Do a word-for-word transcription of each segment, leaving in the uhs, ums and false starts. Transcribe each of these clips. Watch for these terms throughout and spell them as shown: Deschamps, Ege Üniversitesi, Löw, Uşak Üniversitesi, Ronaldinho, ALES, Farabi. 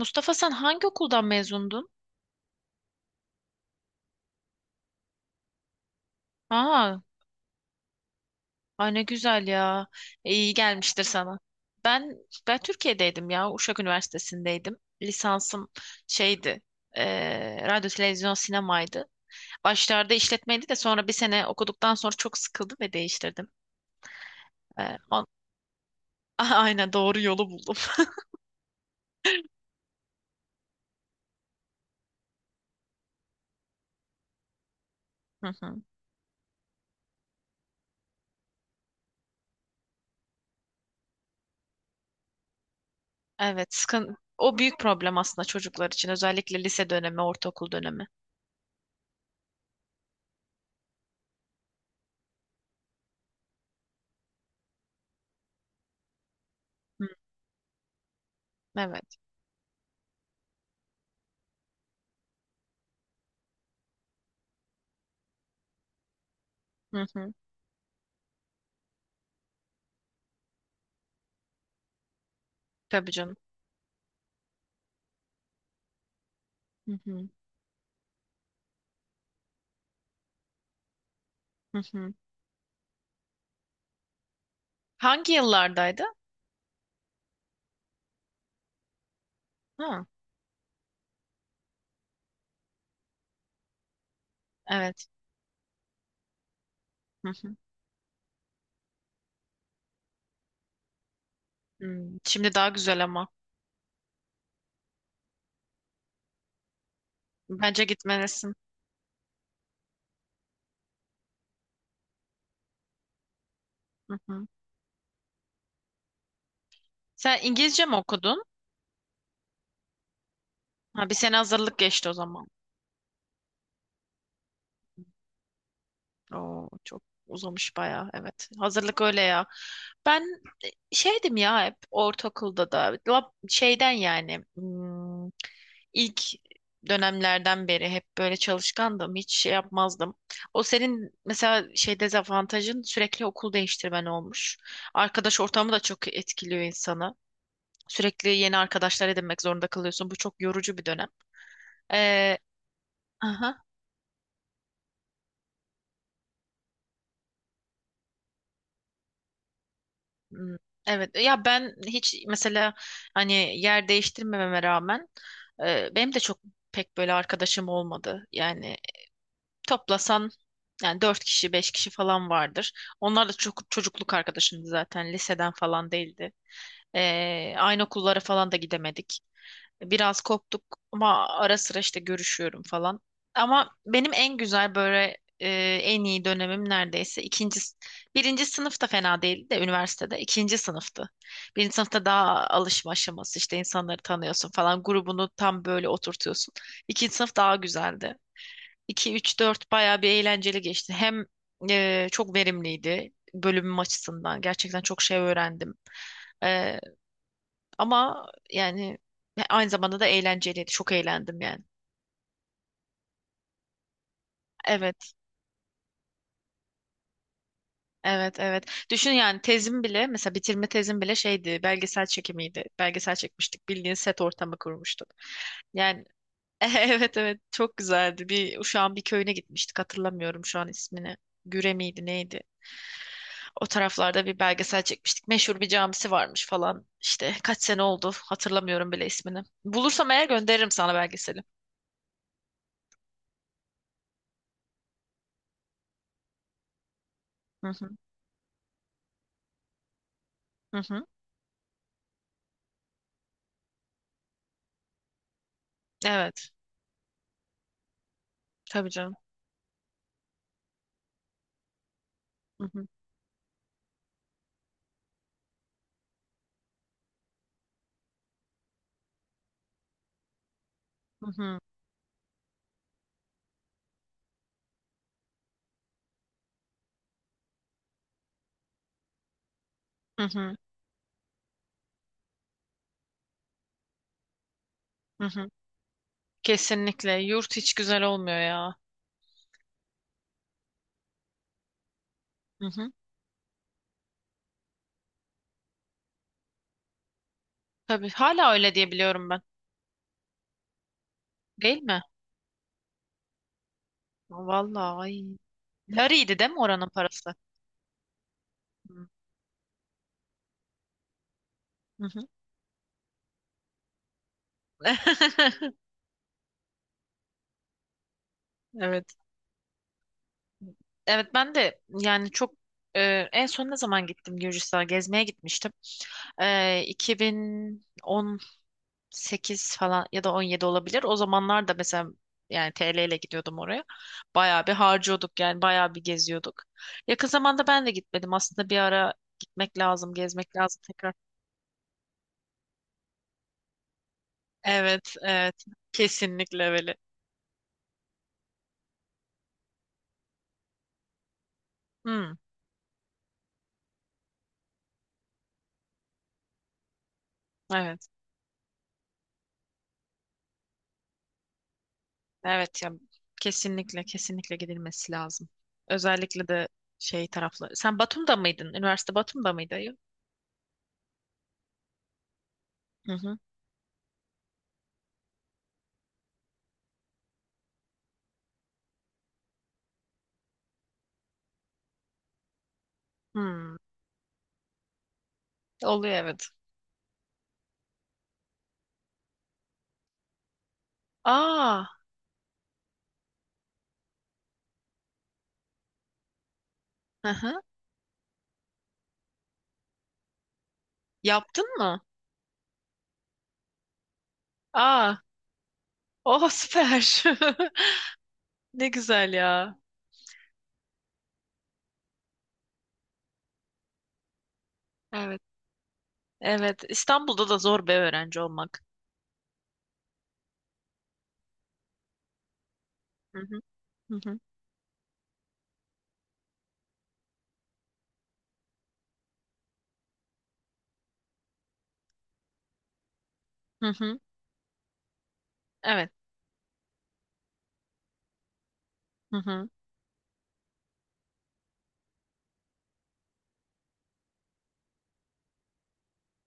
Mustafa sen hangi okuldan mezundun? Aa, ay ne güzel ya. E, İyi gelmiştir sana. Ben ben Türkiye'deydim ya. Uşak Üniversitesi'ndeydim. Lisansım şeydi. e, radyo, televizyon, sinemaydı. Başlarda işletmeydi de sonra bir sene okuduktan sonra çok sıkıldım ve değiştirdim. E, on- aynen doğru yolu buldum. Hı hı. Evet, sıkın. O büyük problem aslında çocuklar için. Özellikle lise dönemi, ortaokul dönemi. Hı, evet. Hı hı. Tabii canım. Hı hı. Hı hı. Hangi yıllardaydı? Ha, evet. Hı hı. Hmm, Şimdi daha güzel ama. Bence gitmelisin. Hı hı. Sen İngilizce mi okudun? Ha, bir sene hazırlık geçti o zaman. Oo, çok uzamış bayağı. Evet. Hazırlık öyle ya. Ben şeydim ya hep ortaokulda da lab- şeyden yani hmm, ilk dönemlerden beri hep böyle çalışkandım hiç şey yapmazdım. O senin mesela şey dezavantajın sürekli okul değiştirmen olmuş. Arkadaş ortamı da çok etkiliyor insanı. Sürekli yeni arkadaşlar edinmek zorunda kalıyorsun. Bu çok yorucu bir dönem. Ee, aha. hmm, Evet ya ben hiç mesela hani yer değiştirmememe rağmen e, benim de çok pek böyle arkadaşım olmadı. Yani toplasan yani dört kişi, beş kişi falan vardır. Onlar da çok çocukluk arkadaşımdı zaten. Liseden falan değildi. Ee, aynı okullara falan da gidemedik. Biraz koptuk ama ara sıra işte görüşüyorum falan. Ama benim en güzel böyle e, en iyi dönemim neredeyse ikinci, s- birinci sınıfta fena değildi de üniversitede ikinci sınıftı. Birinci sınıfta daha alışma aşaması işte insanları tanıyorsun falan grubunu tam böyle oturtuyorsun. İkinci sınıf daha güzeldi. iki üç, dört bayağı bir eğlenceli geçti. Hem e, çok verimliydi bölümüm açısından. Gerçekten çok şey öğrendim. E, ama yani e, aynı zamanda da eğlenceliydi. Çok eğlendim yani. Evet, evet, evet. Düşün yani tezim bile mesela bitirme tezim bile şeydi belgesel çekimiydi. Belgesel çekmiştik. Bildiğin set ortamı kurmuştuk. Yani evet evet çok güzeldi. Bir Uşak'ın bir köyüne gitmiştik hatırlamıyorum şu an ismini. Güre miydi neydi? O taraflarda bir belgesel çekmiştik. Meşhur bir camisi varmış falan. İşte kaç sene oldu hatırlamıyorum bile ismini. Bulursam eğer gönderirim sana belgeseli. Hı hı, hı hı. Evet. Tabii canım. Hı hı, hı hı, hı hı, hı hı. Kesinlikle. Yurt hiç güzel olmuyor ya. Hı hı. Tabii. Hala öyle diye biliyorum ben. Değil mi? Vallahi. Ay. Lariydi değil mi oranın parası? Hı hı. Evet. Evet ben de yani çok e, en son ne zaman gittim Gürcistan'a gezmeye gitmiştim. E, iki bin on sekiz falan ya da on yedi olabilir. O zamanlar da mesela yani T L ile gidiyordum oraya. Bayağı bir harcıyorduk yani bayağı bir geziyorduk. Yakın zamanda ben de gitmedim. Aslında bir ara gitmek lazım, gezmek lazım tekrar. Evet, evet. Kesinlikle öyle. Hmm, evet. Evet ya kesinlikle kesinlikle gidilmesi lazım. Özellikle de şey tarafları. Sen Batum'da mıydın? Üniversite Batum'da mıydı? Ayı? Hı hı. Hmm, Oluyor evet. Aa, hı hı. Yaptın mı? Aa, oh süper. Ne güzel ya. Evet. Evet. İstanbul'da da zor bir öğrenci olmak. Hı hı. Hı hı. Hı hı. Evet. Hı hı.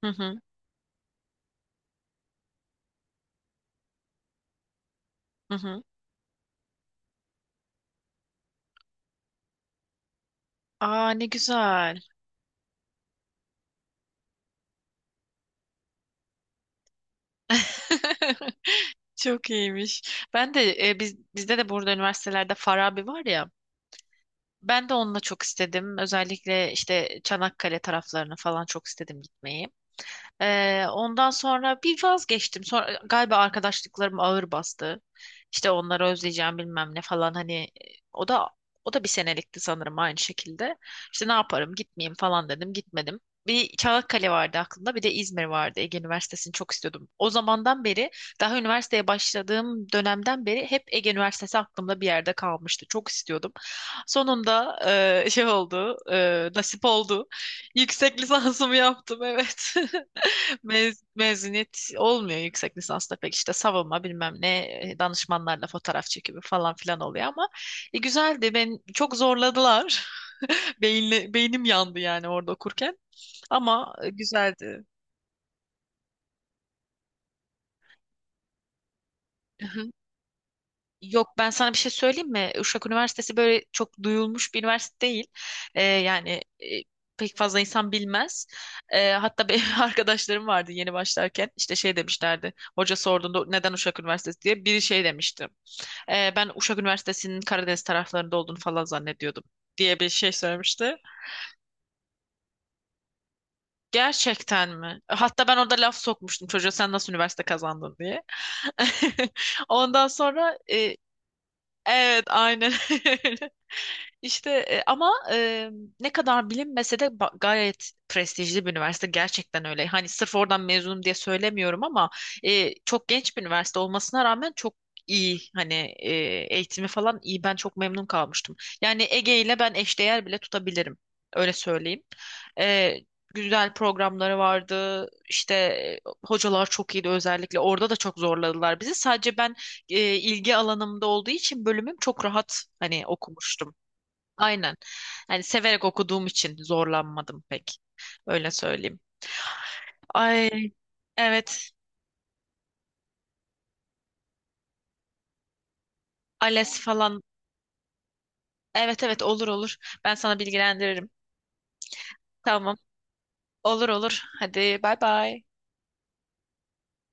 Hı hı. Hı hı. Aa ne güzel. Çok iyiymiş. Ben de e, biz bizde de burada üniversitelerde Farabi var ya. Ben de onunla çok istedim. Özellikle işte Çanakkale taraflarını falan çok istedim gitmeyi. Ee, ondan sonra bir vazgeçtim. Sonra galiba arkadaşlıklarım ağır bastı. İşte onları özleyeceğim bilmem ne falan hani e, o da o da bir senelikti sanırım aynı şekilde. İşte ne yaparım gitmeyeyim falan dedim gitmedim. Bir Çanakkale vardı aklımda bir de İzmir vardı. Ege Üniversitesi'ni çok istiyordum. O zamandan beri daha üniversiteye başladığım dönemden beri hep Ege Üniversitesi aklımda bir yerde kalmıştı. Çok istiyordum. Sonunda e, şey oldu e, nasip oldu. Yüksek lisansımı yaptım evet. Mez- mezuniyet olmuyor yüksek lisansta pek işte savunma bilmem ne e, danışmanlarla fotoğraf çekimi falan filan oluyor ama e, güzeldi ben çok zorladılar Beyinle, beynim yandı yani orada okurken ama e, güzeldi. Hı hı. Yok ben sana bir şey söyleyeyim mi? Uşak Üniversitesi böyle çok duyulmuş bir üniversite değil. E, yani e, pek fazla insan bilmez. E, hatta benim arkadaşlarım vardı yeni başlarken işte şey demişlerdi. Hoca sorduğunda neden Uşak Üniversitesi diye biri şey demişti. Ee, ben Uşak Üniversitesi'nin Karadeniz taraflarında olduğunu falan zannediyordum diye bir şey söylemişti. Gerçekten mi? Hatta ben orada laf sokmuştum çocuğa sen nasıl üniversite kazandın diye. Ondan sonra. e, Evet, aynen öyle. İşte e, ama e, ne kadar bilinmese de ba- gayet prestijli bir üniversite gerçekten öyle. Hani sırf oradan mezunum diye söylemiyorum ama e, çok genç bir üniversite olmasına rağmen çok iyi hani e, eğitimi falan iyi. Ben çok memnun kalmıştım. Yani Ege ile ben eşdeğer bile tutabilirim. Öyle söyleyeyim. E, güzel programları vardı. İşte e, hocalar çok iyiydi özellikle. Orada da çok zorladılar bizi. Sadece ben e, ilgi alanımda olduğu için bölümüm çok rahat hani okumuştum. Aynen. Hani severek okuduğum için zorlanmadım pek. Öyle söyleyeyim. Ay evet. ALES falan. Evet evet olur olur. Ben sana bilgilendiririm. Tamam. Olur olur. Hadi bay bay.